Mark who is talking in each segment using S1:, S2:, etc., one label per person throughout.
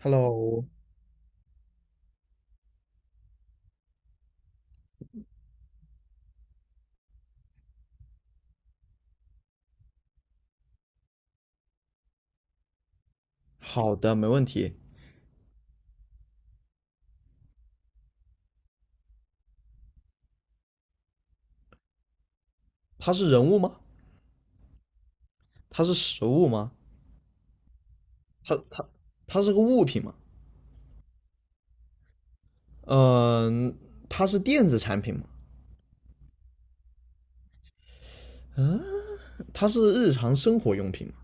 S1: Hello，好的，没问题。它是人物吗？它是食物吗？它它是个物品吗？嗯、它是电子产品吗？嗯、它是日常生活用品吗？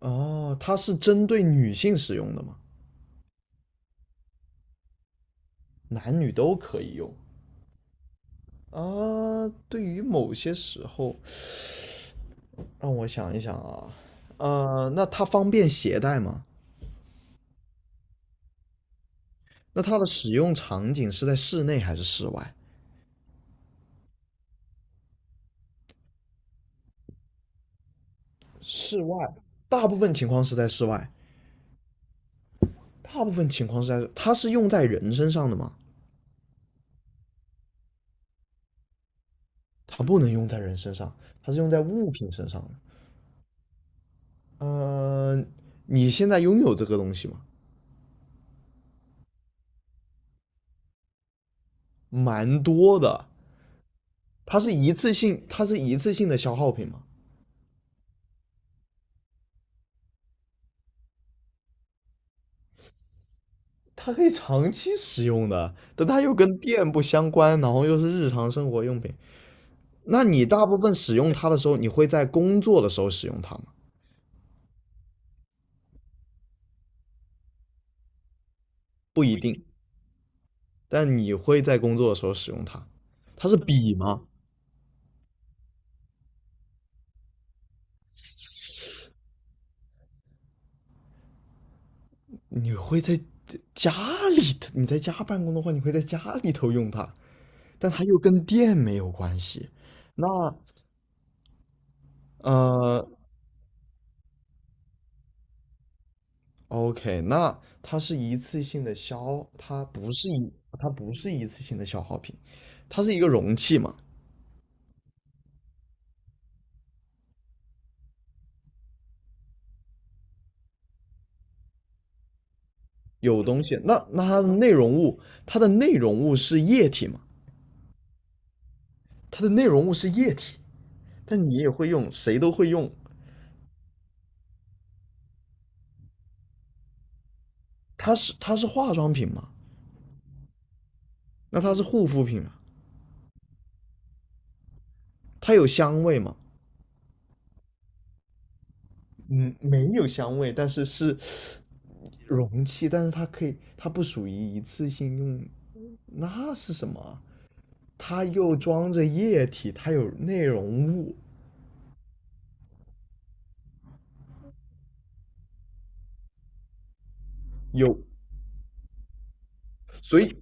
S1: 哦，它是针对女性使用的吗？男女都可以用啊。对于某些时候，让我想一想啊，那它方便携带吗？那它的使用场景是在室内还是室外？室外，大部分情况是在室外。大部分情况是在它是用在人身上的吗？它不能用在人身上，它是用在物品身上的。呃，你现在拥有这个东西吗？蛮多的，它是一次性的消耗品吗？它可以长期使用的，但它又跟电不相关，然后又是日常生活用品。那你大部分使用它的时候，你会在工作的时候使用它吗？不一定，但你会在工作的时候使用它。它是笔吗？你会在家里头，你在家办公的话，你会在家里头用它，但它又跟电没有关系。那呃，OK,那它是一次性的消，它不是一，它不是一次性的消耗品，它是一个容器嘛，有东西。那它的内容物，它的内容物是液体嘛？它的内容物是液体，但你也会用，谁都会用。它是化妆品嘛？那它是护肤品嘛？它有香味嘛？嗯，没有香味，但是是容器，但是它可以，它不属于一次性用，那是什么啊它又装着液体，它有内容物，有，所以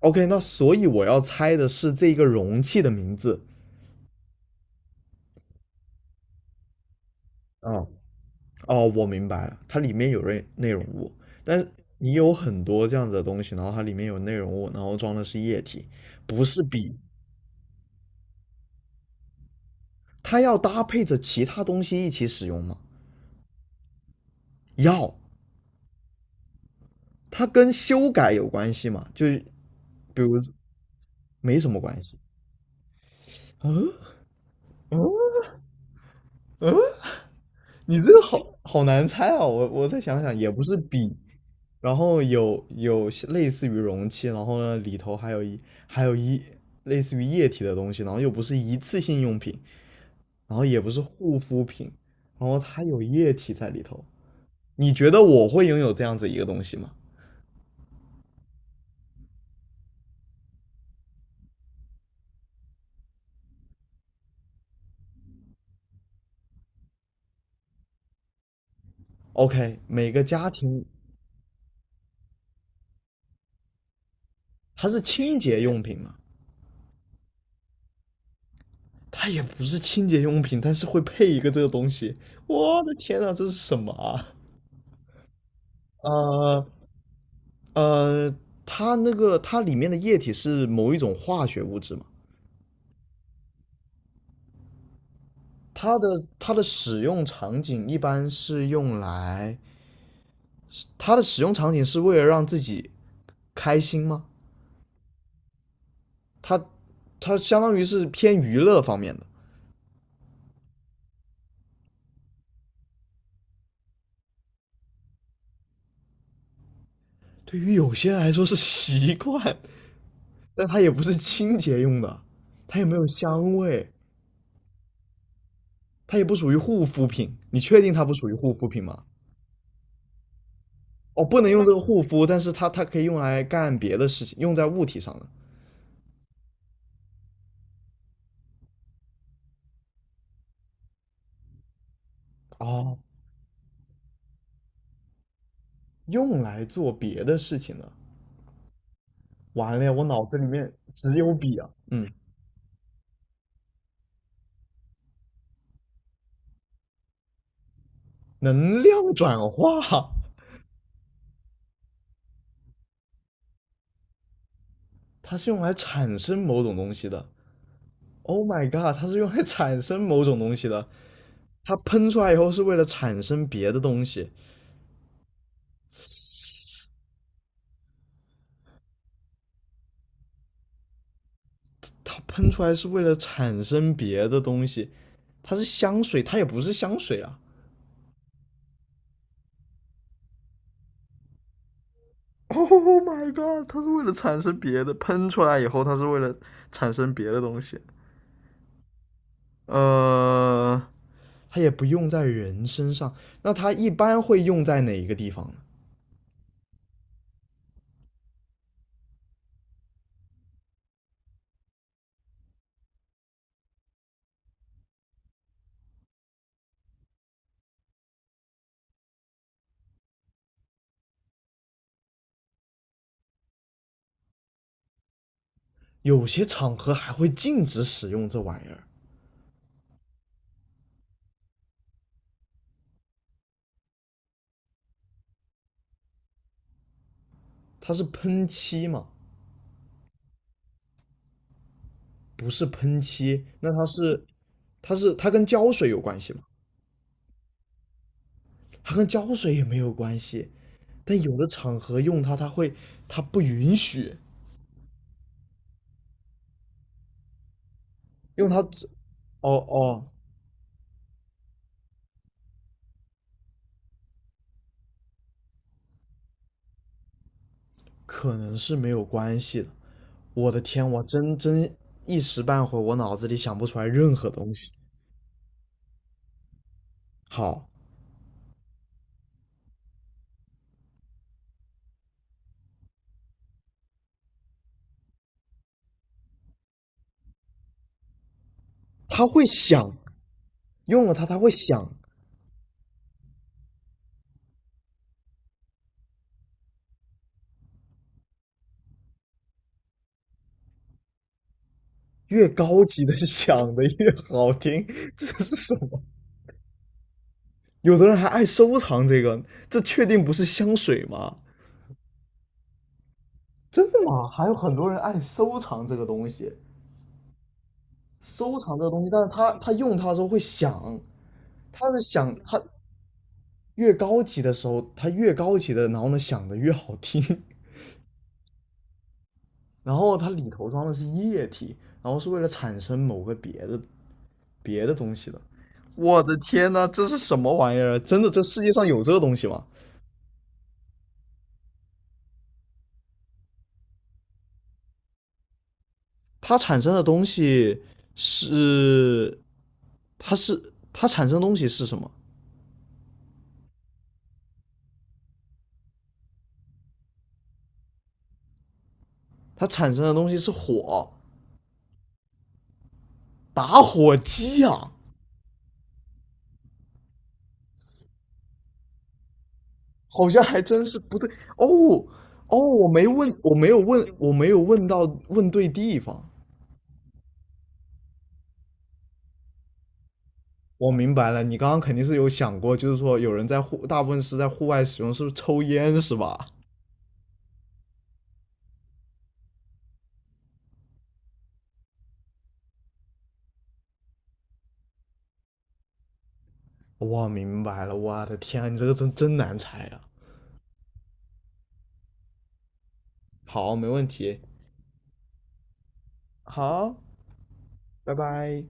S1: OK,那所以我要猜的是这个容器的名字。啊，哦，哦我明白了，它里面有内内容物，但是你有很多这样子的东西，然后它里面有内容物，然后装的是液体，不是笔，它要搭配着其他东西一起使用吗？要，它跟修改有关系吗？就是比如没什么关系。嗯嗯嗯，你这个好好难猜啊！我再想想，也不是笔，然后有类似于容器，然后呢里头还有一类似于液体的东西，然后又不是一次性用品，然后也不是护肤品，然后它有液体在里头。你觉得我会拥有这样子一个东西吗？OK,每个家庭它是清洁用品吗？它也不是清洁用品，但是会配一个这个东西。我的天呐，这是什么啊？呃呃，它它里面的液体是某一种化学物质嘛？它的使用场景一般是用来，它的使用场景是为了让自己开心吗？它它相当于是偏娱乐方面的，对于有些人来说是习惯，但它也不是清洁用的，它也没有香味。它也不属于护肤品，你确定它不属于护肤品吗？哦，不能用这个护肤，但是它可以用来干别的事情，用在物体上的。哦，用来做别的事情的。完了，我脑子里面只有笔啊。嗯，能量转化，它是用来产生某种东西的。Oh my god,它是用来产生某种东西的。它喷出来以后是为了产生别的东西，它喷出来是为了产生别的东西。它也不是香水啊。Oh my god！它是为了产生别的，喷出来以后，它是为了产生别的东西。呃，它也不用在人身上。那它一般会用在哪一个地方呢？有些场合还会禁止使用这玩意儿。它是喷漆嘛？不是喷漆，那它是，它是它跟胶水有关系吗？它跟胶水也没有关系。但有的场合用它，它会，它不允许用它。哦哦，可能是没有关系的。我的天，我真真一时半会儿我脑子里想不出来任何东西。好，它会响，用了它它会响，越高级的 响的越好听，这是什么？有的人还爱收藏这个，这确定不是香水吗？真的吗？还有很多人爱收藏这个东西，收藏这个东西，但是他用它的时候会响，它的响，它越高级的时候，它越高级的，然后呢响的越好听。然后它里头装的是液体，然后是为了产生某个别的别的东西的。我的天呐，这是什么玩意儿？真的，这世界上有这个东西吗？它产生的东西是，它是它产生的东西是什么？它产生的东西是火，打火机啊，好像还真是不对哦哦，我没有问，我没有问到问对地方。我明白了，你刚刚肯定是有想过，就是说有人在户，大部分是在户外使用，是不是抽烟是吧？我明白了，我的天啊，你这个真真难猜啊！好，没问题，好，拜拜。